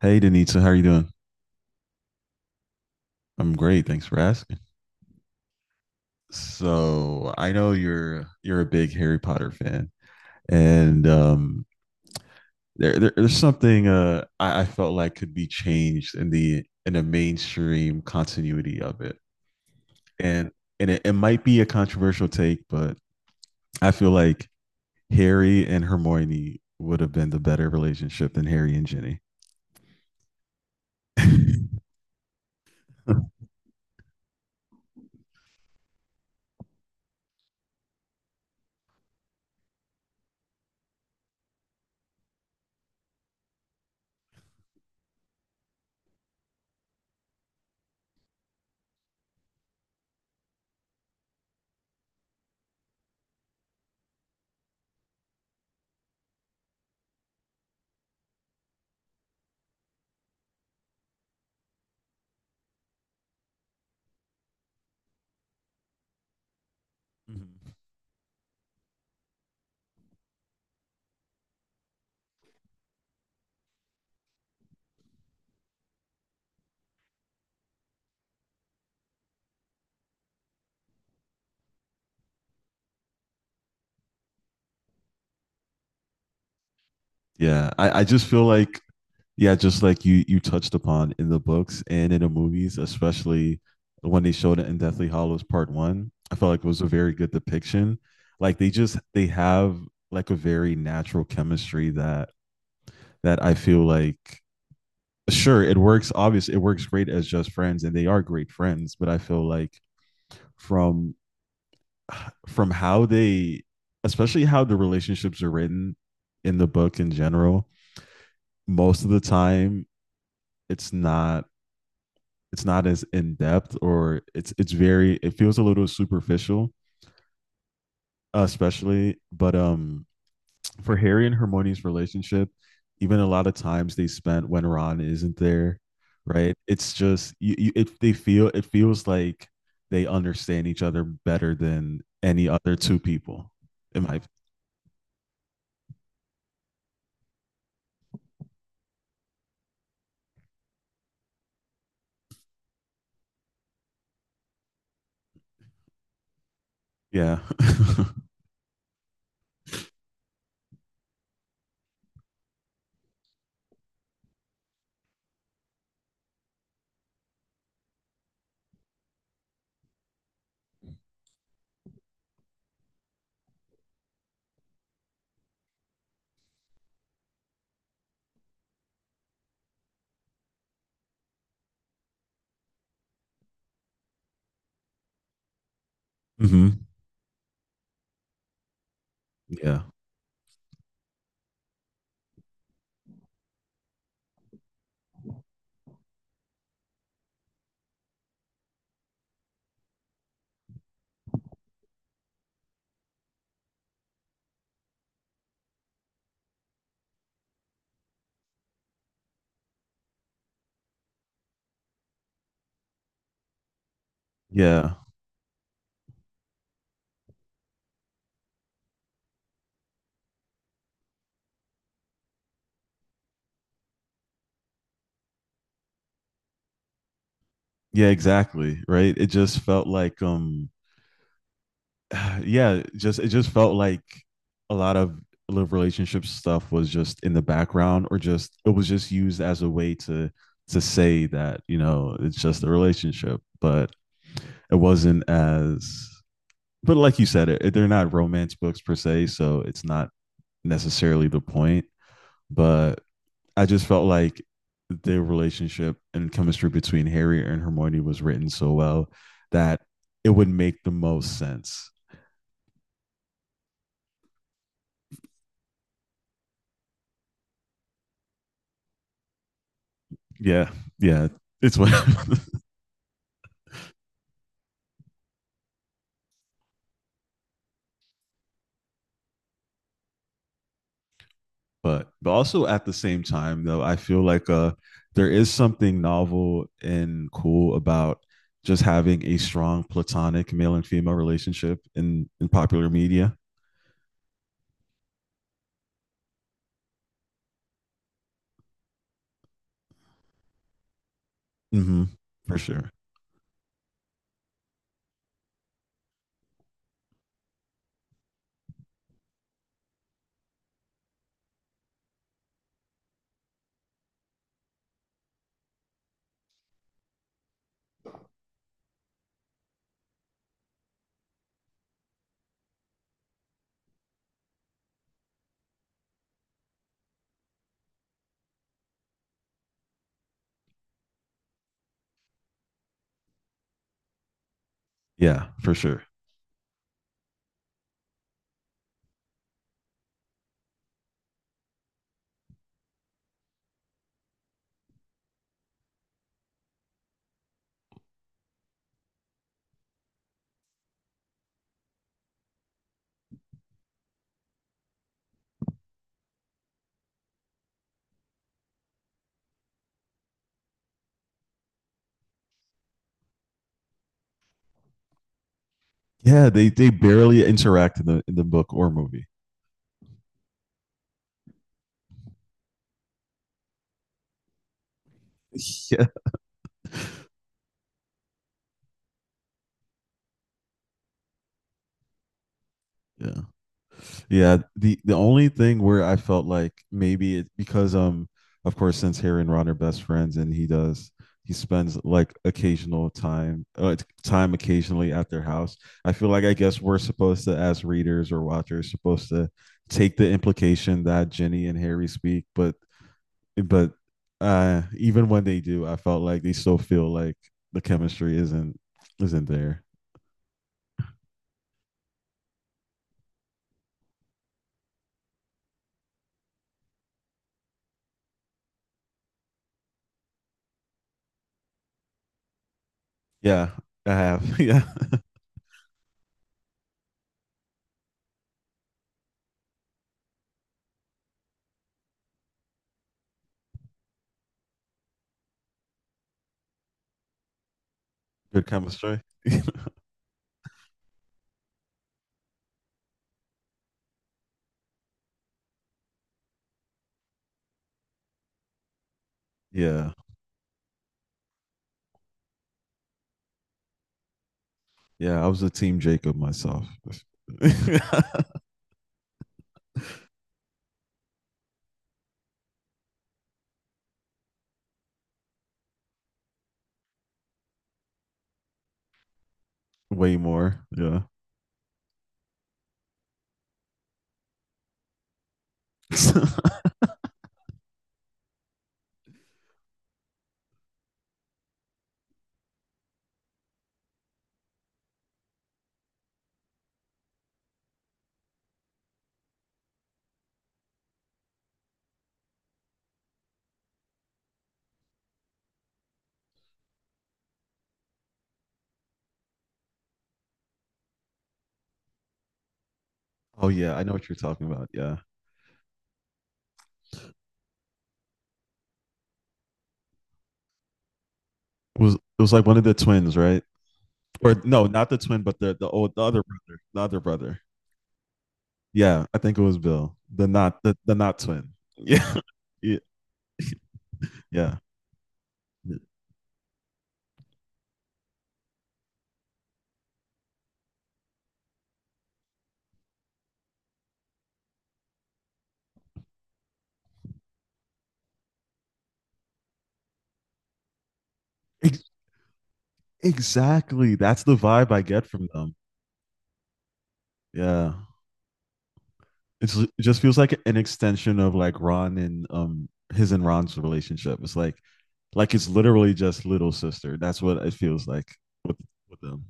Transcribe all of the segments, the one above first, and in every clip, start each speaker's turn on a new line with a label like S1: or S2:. S1: Hey, Denita, how are you doing? I'm great. Thanks for asking. So I know you're a big Harry Potter fan, and there's something I felt like could be changed in the mainstream continuity of it, and and it might be a controversial take, but I feel like Harry and Hermione would have been the better relationship than Harry and Ginny. Mhm. I just feel like yeah, just like you touched upon in the books and in the movies, especially when they showed it in Deathly Hollows Part One. I felt like it was a very good depiction. Like they have like a very natural chemistry that I feel like sure it works. Obviously, it works great as just friends, and they are great friends. But I feel like from from how they, especially how the relationships are written in the book in general, most of the time it's not it's not as in depth or it's very it feels a little superficial, especially. But for Harry and Hermione's relationship, even a lot of times they spent when Ron isn't there, right? It's just you, it feels like they understand each other better than any other two people. In my yeah. Hmm. Yeah. Yeah. Yeah, exactly. Right. It just felt like yeah, just it just felt like a lot of love relationship stuff was just in the background or just it was just used as a way to say that, you know, it's just a relationship, but it wasn't as but like you said it, they're not romance books per se, so it's not necessarily the point, but I just felt like the relationship and chemistry between Harry and Hermione was written so well that it would make the most sense. Yeah, yeah, it's what. But also at the same time though, I feel like there is something novel and cool about just having a strong platonic male and female relationship in popular media. Hmm. For sure. Yeah, for sure. Yeah, they barely interact in the book or movie. Yeah, yeah, yeah. The only thing where I felt like maybe it because of course since Harry and Ron are best friends and he spends like occasional time occasionally at their house. I feel like I guess we're supposed to as readers or watchers supposed to take the implication that Ginny and Harry speak, but even when they do, I felt like they still feel like the chemistry isn't there. Yeah, I have. Yeah. Good chemistry. Yeah. Yeah. I was a team Jacob myself. Way more. Yeah. Oh yeah, I know what you're talking about. Yeah. It was like one of the twins, right? Or no, not the twin, but the other brother. The other brother. Yeah, I think it was Bill, the not twin. Yeah, yeah, yeah. Ex- exactly. That's the vibe I get from them. Yeah. It's it just feels like an extension of like Ron and his and Ron's relationship. It's like it's literally just little sister. That's what it feels like with them.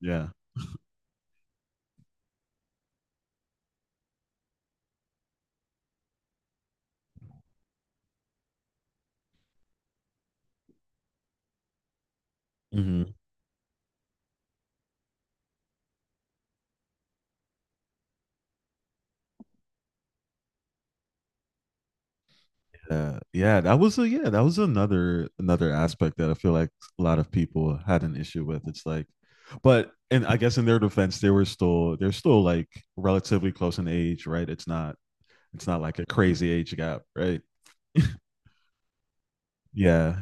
S1: Yeah. Mhm. Yeah. Yeah. That was another aspect that I feel like a lot of people had an issue with. It's like but and I guess in their defense, they're still like relatively close in age, right? It's not like a crazy age gap, right? Yeah.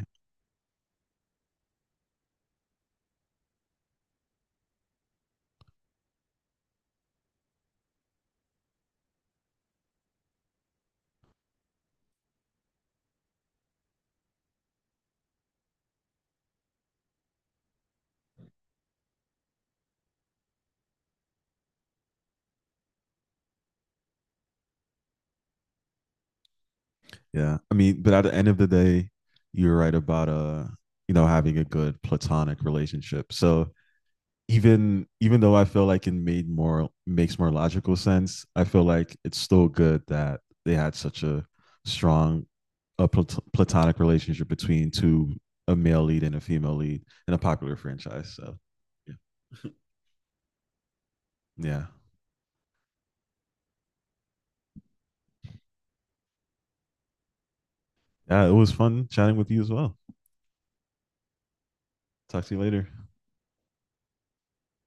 S1: Yeah. I mean, but at the end of the day, you're right about you know, having a good platonic relationship. So even though I feel like it made more makes more logical sense, I feel like it's still good that they had such a strong platonic relationship between two a male lead and a female lead in a popular franchise. So yeah. Yeah. Yeah, it was fun chatting with you as well. Talk to you later.